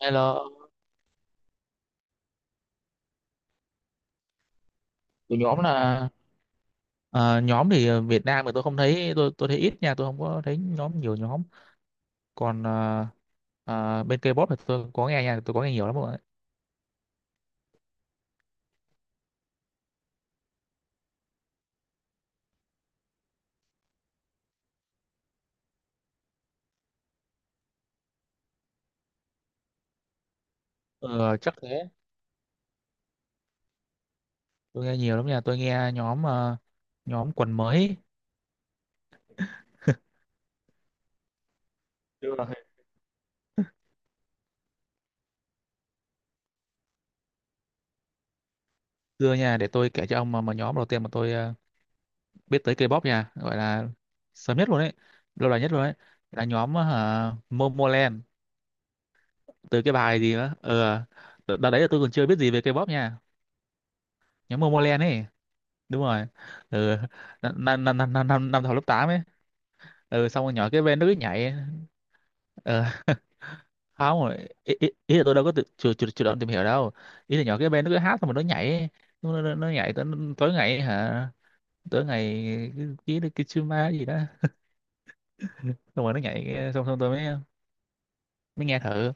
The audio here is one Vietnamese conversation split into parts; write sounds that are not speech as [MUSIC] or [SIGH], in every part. Hay là của nhóm là ờ, nhóm thì, Việt Nam thì tôi không thấy, tôi thấy ít nha, tôi không có thấy nhóm, nhiều nhóm. Còn bên K-pop thì tôi có nghe nha, tôi có nghe nhiều lắm rồi. Ờ, chắc thế. Tôi nghe nhiều lắm nha, tôi nghe nhóm, nhóm quần mới. Chưa là hết. Xưa nha, để tôi kể cho ông, mà nhóm đầu tiên mà tôi biết tới K-pop nha, gọi là sớm nhất luôn đấy, lâu đời nhất luôn đấy, là nhóm Momoland. Từ cái bài gì đó đợt đợt đấy là tôi còn chưa biết gì về K-pop nha. Nhóm Momoland ấy. Đúng rồi. Ừ. năm năm năm năm năm năm học lớp 8 ấy. Ừ, xong rồi nhỏ cái bên nó cứ nhảy. Ờ. [LAUGHS] Không rồi, ý là tôi đâu có chủ động tìm hiểu đâu. Ý là nhỏ cái bên nó cứ hát, xong rồi nó nhảy. Nó nhảy tới tối ngày hả, tối ngày. Cái Kitsuma gì đó, xong rồi nó nhảy. Xong xong, tôi mới mới nghe thử.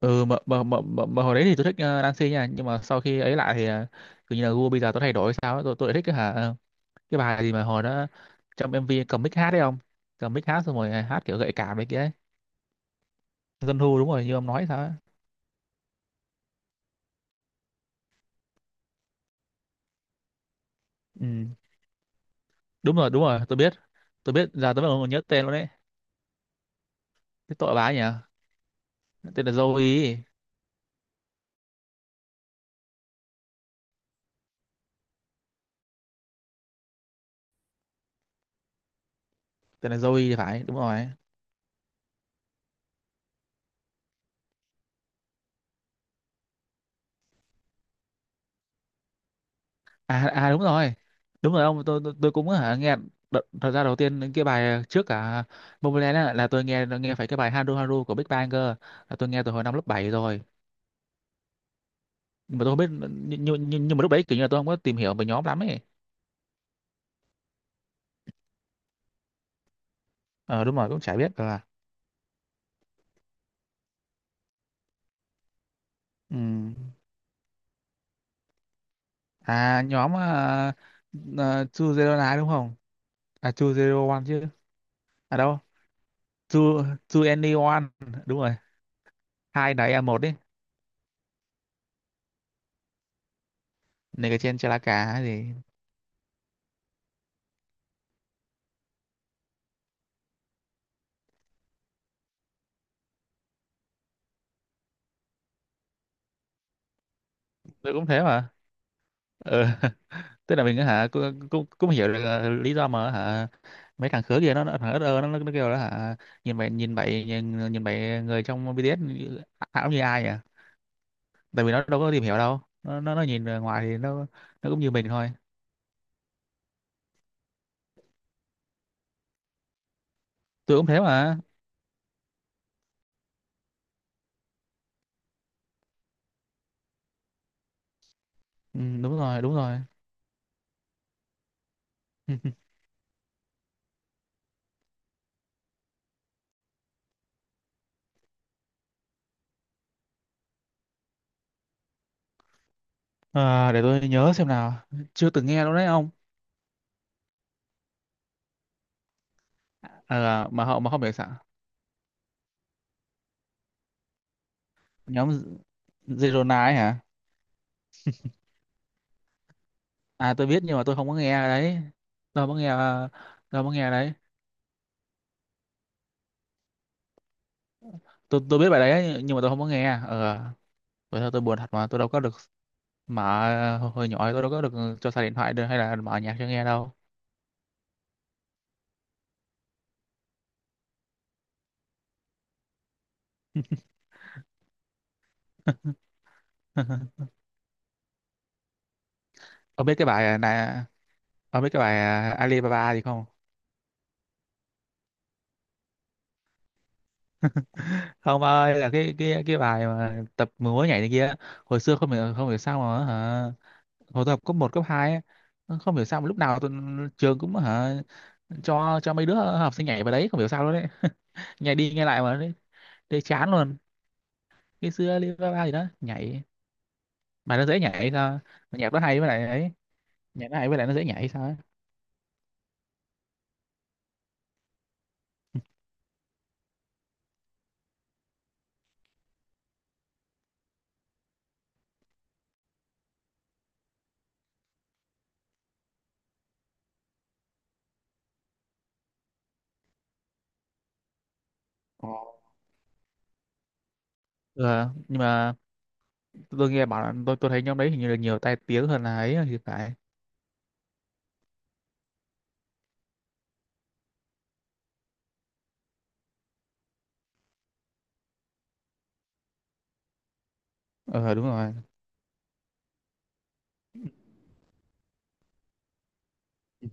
Ừ, mà hồi đấy thì tôi thích Nancy nha, nhưng mà sau khi ấy lại thì, kiểu như là gu bây giờ tôi thay đổi sao ấy, tôi lại thích cái hả, cái bài gì mà hồi đó trong MV cầm mic hát đấy không, cầm mic hát xong rồi, à, hát kiểu gợi cảm đấy kia ấy. Dân thu đúng rồi như ông nói sao ấy. Ừ. Đúng rồi, đúng rồi, tôi biết. Tôi biết, giờ tôi mới nhớ tên luôn đấy. Cái tội bà ấy nhỉ. Tên là Zoe. Tên là Zoe thì phải, đúng rồi. À, đúng rồi, đúng rồi ông, tôi cũng hả nghe. Đợt, thật ra đầu tiên những cái bài trước cả Momoland á, là tôi nghe nghe phải cái bài Haru Haru của Big Bang cơ. Là tôi nghe từ hồi năm lớp 7 rồi. Nhưng mà tôi không biết, nhưng mà lúc đấy kiểu như là tôi không có tìm hiểu về nhóm lắm ấy. Ờ đúng rồi, cũng chả biết là. Ừ. À nhóm à, Chu Zero Nine đúng không? À Chu Zero One chứ. À đâu? Chu Chu Any, đúng rồi. Hai đấy à một đấy. Này cái trên Chalaka hay gì. Tôi cũng thế mà. Ừ. [LAUGHS] Tức là mình á hả cũng cũng, cũng hiểu được lý do mà hả mấy thằng khứa kia nó thằng ớt, nó kêu đó hả, nhìn bảy người trong BTS như- ảo như ai nhỉ? Tại vì nó đâu có tìm hiểu đâu. Nó nhìn ở ngoài thì nó cũng như mình thôi. Tôi cũng thế mà. Ừ, đúng rồi, đúng rồi. Ừ. À, để tôi nhớ xem nào. Chưa từng nghe đâu đấy ông. À, mà họ mà không biết sao. Nhóm Z- Zerona ấy hả? À tôi biết nhưng mà tôi không có nghe đấy. Tôi không có nghe tôi không có nghe đấy. Tôi biết bài đấy ấy, nhưng mà tôi không có nghe. Ờ, vậy thôi tôi buồn thật mà tôi đâu có được mở. Hồi nhỏ tôi đâu có được cho xài điện thoại được hay là mở nhạc cho nghe đâu. [LAUGHS] Ông biết cái bài này, ông biết cái bài Alibaba gì không? [LAUGHS] Không ba ơi, là cái bài mà tập múa nhảy này kia. Hồi xưa không hiểu sao mà hả, hồi tập cấp một cấp hai ấy, nó không hiểu sao mà lúc nào tụi, trường cũng hả cho mấy đứa học sinh nhảy vào đấy không hiểu sao luôn đấy. [LAUGHS] Nhảy đi nhảy lại mà đấy, đấy chán luôn. Cái xưa Alibaba gì đó nhảy, mà nó dễ nhảy hay sao. Mà nhạc nó hay với lại ấy, nhạc nó hay với lại nó dễ nhảy hay sao ấy. Ờ, ừ, nhưng mà tôi nghe bảo là, tôi thấy nhóm đấy hình như là nhiều tai tiếng hơn là ấy thì phải. Ờ đúng rồi Ừ.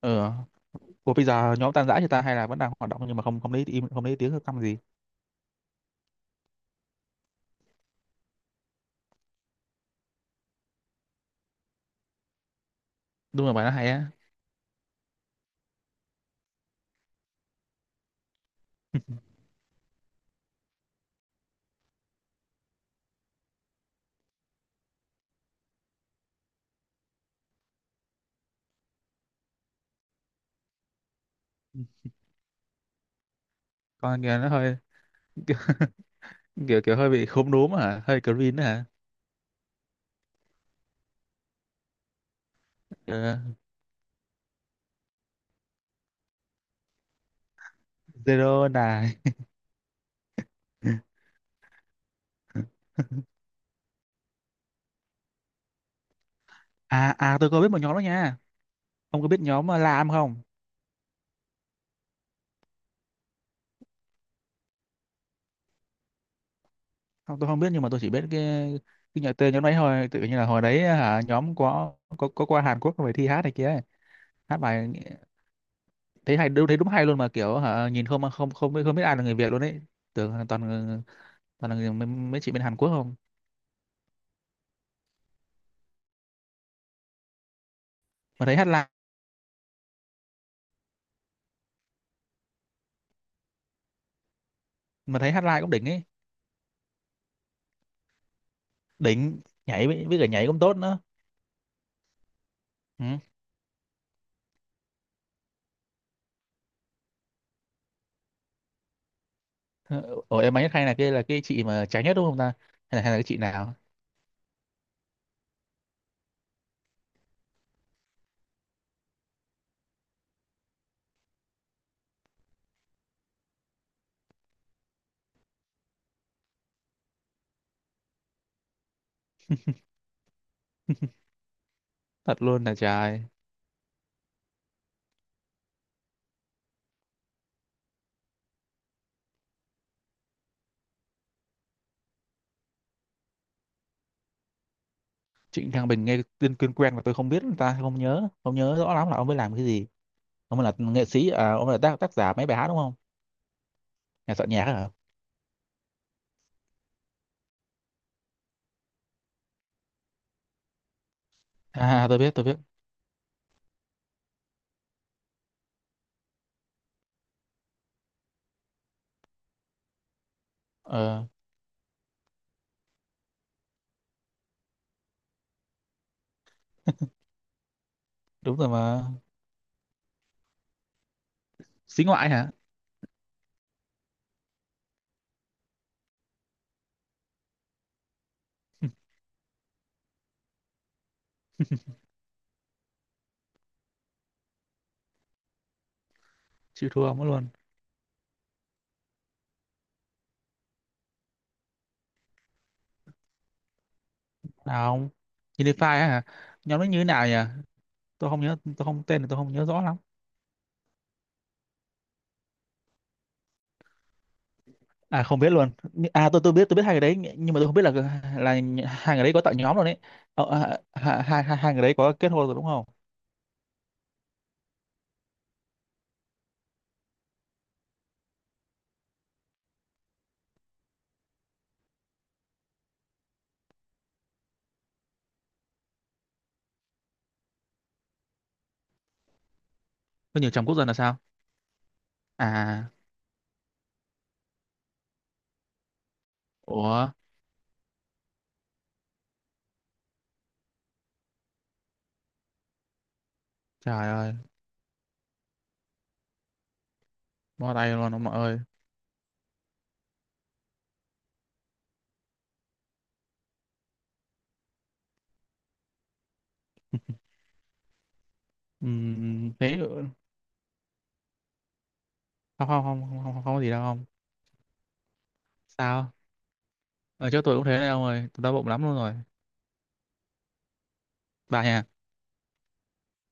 Ừ. Ủa bây giờ nhóm tan rã thì ta hay là vẫn đang hoạt động nhưng mà không không lấy im, không lấy tiếng, không căm gì? Đúng là bài nó hay á. [LAUGHS] Con kia nó hơi, [LAUGHS] kiểu, kiểu hơi bị khốm đốm hả, hơi green đó hả. Ờ, zero này. À, tôi có biết một nhóm đó nha. Ông có biết nhóm lam không? Không tôi không biết nhưng mà tôi chỉ biết cái nhà tên nhóm đấy thôi, tự nhiên là hồi đấy hả nhóm có qua Hàn Quốc về thi hát này kia. Hát bài, thấy hay, đúng thấy đúng hay luôn mà kiểu hả, nhìn không không không biết, không biết ai là người Việt luôn đấy. Tưởng là toàn, toàn là người, mấy chị bên Hàn Quốc không. Mà thấy hát live, mà thấy hát live cũng đỉnh ấy. Đỉnh. Nhảy với cả nhảy cũng tốt nữa. Ừ. Ủa em ấy hay là kia là cái chị mà trái nhất đúng không ta, hay là cái chị nào. Thật luôn là trời. Trịnh Thăng Bình nghe tên quen quen mà tôi không biết ta, không nhớ rõ lắm là ông ấy làm cái gì. Ông ấy là nghệ sĩ à, ông ấy là tác giả mấy bài hát đúng không? Nhà soạn nhạc hả? À, tôi biết. Ờ đúng rồi mà. Xí ngoại hả. Chịu thua ông ấy luôn. Nào không. Unify á hả? Nhóm nó như thế nào nhỉ? Tôi không nhớ, tôi không, tên thì tôi không nhớ rõ lắm. À không biết luôn. Nh- à tôi biết hai người đấy, nh- nhưng mà tôi không biết là nh- hai người đấy có tạo nhóm rồi đấy. À, hai, hai, hai hai người đấy có kết hôn rồi đúng không? Có nhiều chồng quốc dân là sao? À. Ủa. Trời ơi. Bó tay luôn ông nội ơi. Thế. Không không không không không, không có gì đâu, không sao. Ở chỗ tôi cũng thế đấy ông ơi, tôi đau bụng lắm luôn rồi. Bà nhà.